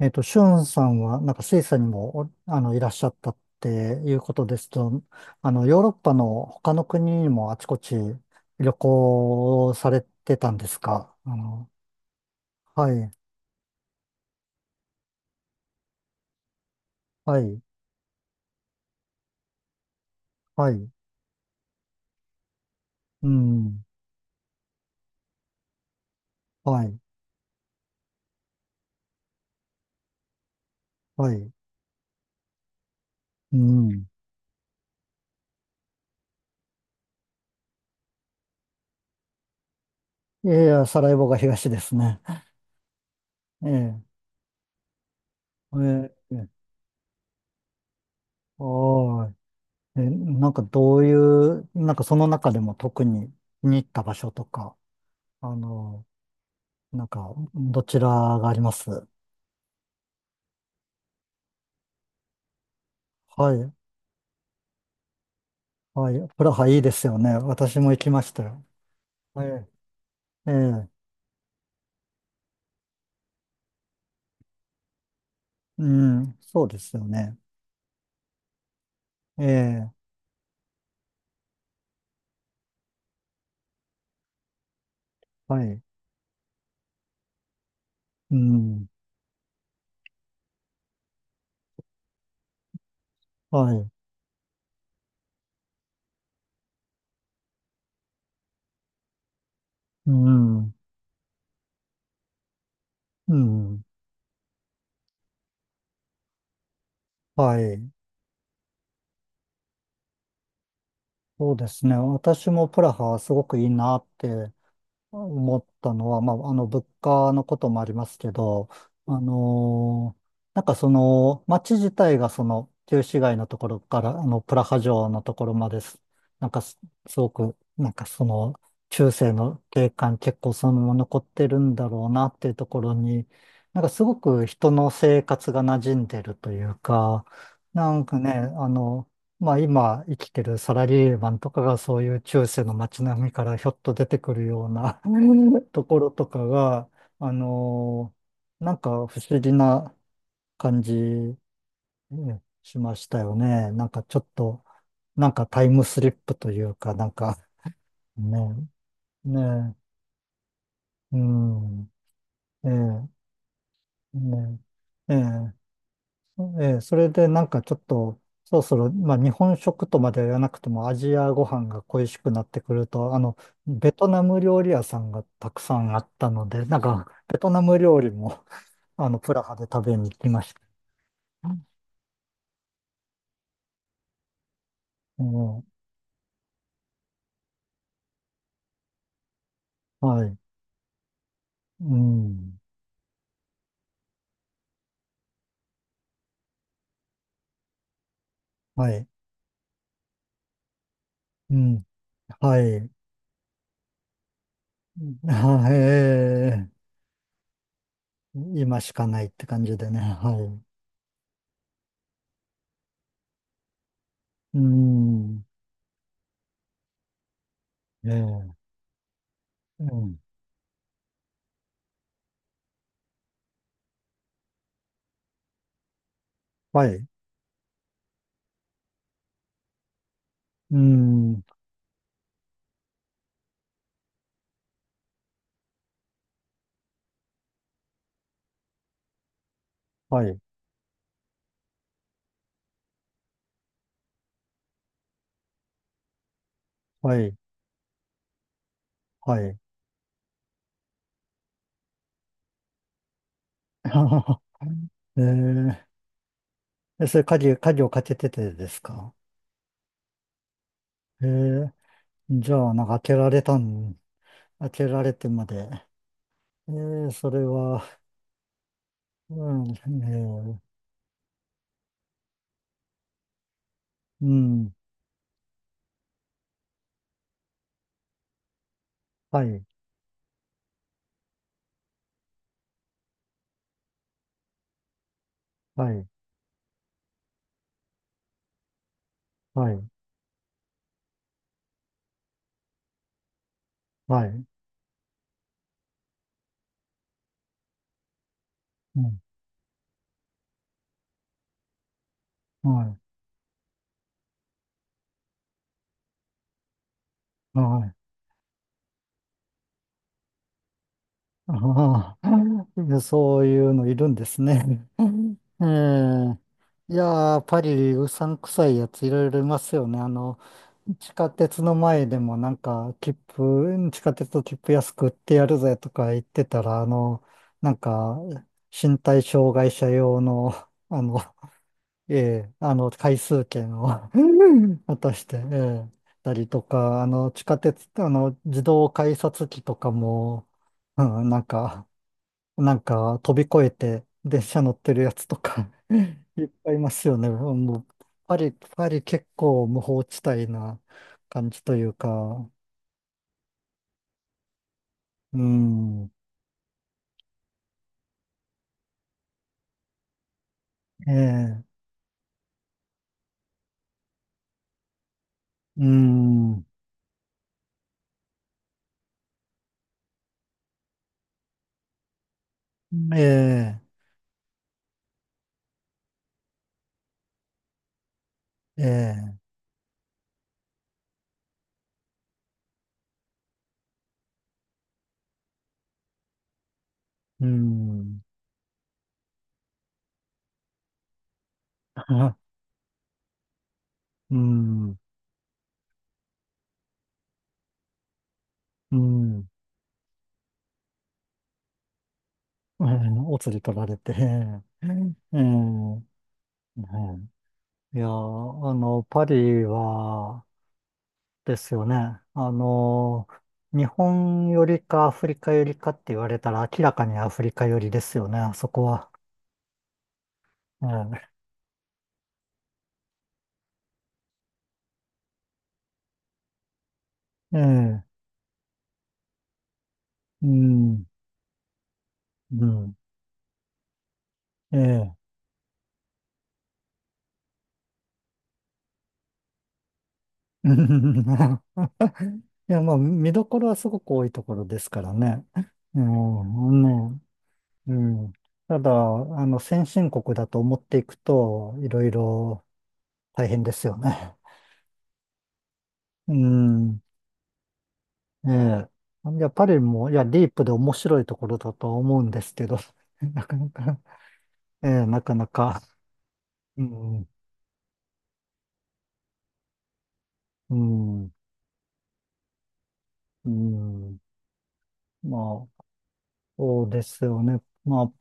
シュンさんは、なんかスイスにも、おあの、いらっしゃったっていうことですと、ヨーロッパの他の国にもあちこち旅行をされてたんですかはい、はい、はい、うん、はい、はい、うん。いやいや、サラエボが東ですね。ええ、ええ、ええはい。え、なんかどういう、なんかその中でも特に気に入った場所とか、あの、なんかどちらがあります？はい、はい。プラハいいですよね。私も行きましたよ。はい。ええ、うん、そうですよね。ええ、はい。うん、はい。うん、うん、はい。そうですね。私もプラハすごくいいなって思ったのは、まあ、物価のこともありますけど、あのーなんかその、街自体がその、旧市街のところから、プラハ城のところまです。なんかすごく、なんかその、中世の景観結構そのまま残ってるんだろうなっていうところに、なんかすごく人の生活が馴染んでるというか、なんかね、まあ今生きてるサラリーマンとかがそういう中世の街並みからひょっと出てくるような ところとかが、あのーなんか不思議な感じねしましたよね。なんかちょっと、なんかタイムスリップというか、なんかね、ね、うん、ええ、ね、ええ。ええ、それでなんかちょっと、そろそろ、まあ日本食とまでは言わなくてもアジアご飯が恋しくなってくると、ベトナム料理屋さんがたくさんあったので、なんかベトナム料理も、プラハで食べに行きました。うんはい。うん。はい。うん。はい。うんはいうんはいはいえ ー今しかないって感じでね。はい。うん。ええうん。はい。うん。はい。はい。はい。あーえそれ鍵をかけててですか？えー、じゃあ、なんか開けられてまで。それは、うん、うん、はい、はい、はい、はい、うん、はい、はい。ああ、そういうのいるんですね。うんええいやー、パリ、うさんくさいやついろいろいますよね。地下鉄の前でもなんか、地下鉄の切符安く売ってやるぜとか言ってたら、なんか、身体障害者用の、あの、回数券を 渡して、えたりとか、地下鉄、自動改札機とかも、うん、なんか飛び越えて電車乗ってるやつとか いっぱいいますよね。もうパリ結構無法地帯な感じというか、うん、ええ、うん、ええ、ええ、うん、うん、うん、うんお釣り取られて、ええ、ええいやー、パリは、ですよね。あの日本よりかアフリカよりかって言われたら明らかにアフリカよりですよね、あそこは。ええ、ええ、うん、うん、ええ。うん いや、まあ、見どころはすごく多いところですからね。うん、ね、うん。ただ、先進国だと思っていくと、いろいろ大変ですよね。うん。ええ。やっぱりもう、いや、ディープで面白いところだとは思うんですけど、なかなか、ええ、なかなか、うん、うん、うん、まあ、そうですよね。まあ、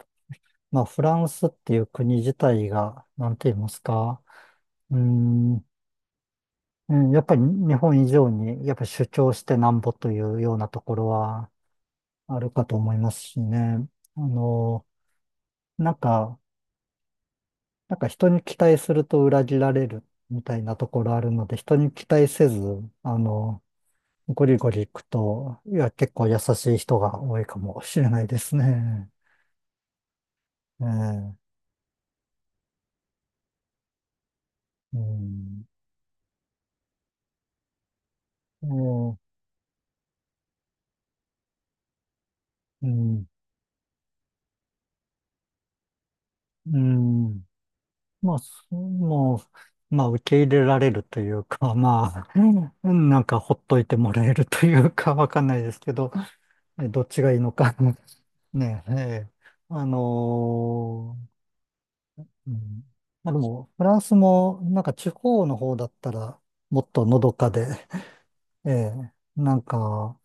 フランスっていう国自体が、なんて言いますか、うん、うんやっぱり日本以上に、やっぱり主張してなんぼというようなところはあるかと思いますしね。あの、なんか、なんか、人に期待すると裏切られるみたいなところあるので、人に期待せず、あの、ゴリゴリ行くと、いや、結構優しい人が多いかもしれないですね。ええ、うん、もううん、うん。まあ、そもう、まあ、受け入れられるというか、まあ、うんなんかほっといてもらえるというか、わかんないですけど、えどっちがいいのか ね、ええ、あのーうん。まあでも、フランスも、なんか地方の方だったら、もっとのどかで、ええ、なんか、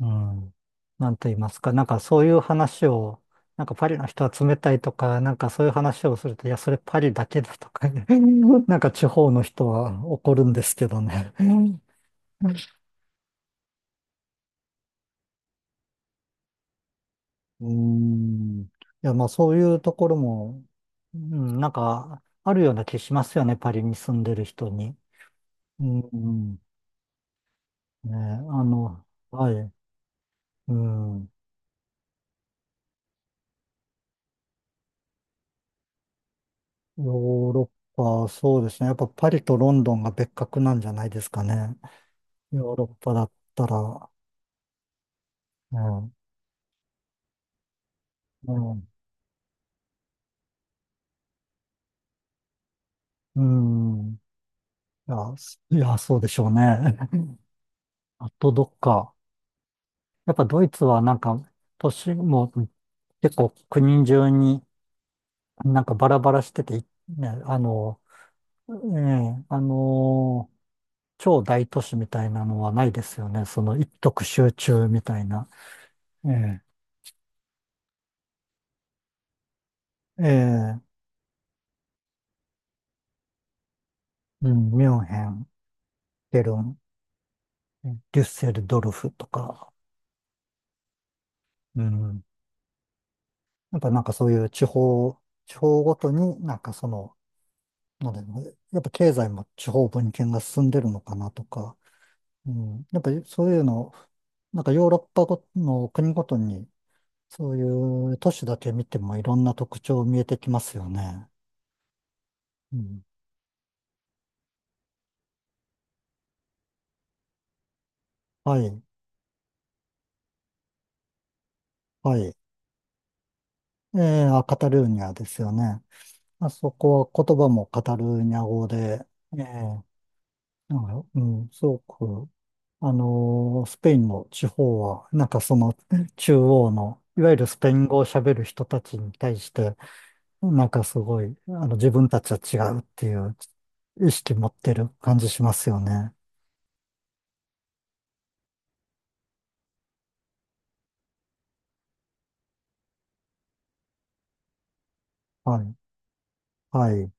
うん、なんと言いますか、なんかそういう話を、なんかパリの人は冷たいとか、なんかそういう話をすると、いや、それパリだけだとか なんか地方の人は怒るんですけどね。うん。いや、まあそういうところも、うん、なんか、あるような気しますよね、パリに住んでる人に。うん。ね、あの、はい、うん。ヨーロッパ、そうですね。やっぱパリとロンドンが別格なんじゃないですかね。ヨーロッパだったら、うん、うん、うん。いや、いや、そうでしょうね。あとどっか。やっぱドイツはなんか、都市も結構国中になんかバラバラしてて、ね、ね、超大都市みたいなのはないですよね。その一極集中みたいな。ええええ、うん、ミュンヘン、ケルン、デュッセルドルフとか、うん。やっぱなんかそういう地方ごとになんかその、なんだろうね、やっぱ経済も地方分権が進んでるのかなとか、うん。やっぱりそういうの、なんかヨーロッパごの国ごとに、そういう都市だけ見てもいろんな特徴見えてきますよね。うん。はい、はい。ええ、あカタルーニャですよね。まあそこは言葉もカタルーニャ語で、ええなんか、うん、すごく、スペインの地方は、なんかその中央の、いわゆるスペイン語を喋る人たちに対して、なんかすごい、自分たちは違うっていう意識持ってる感じしますよね。はい。はい。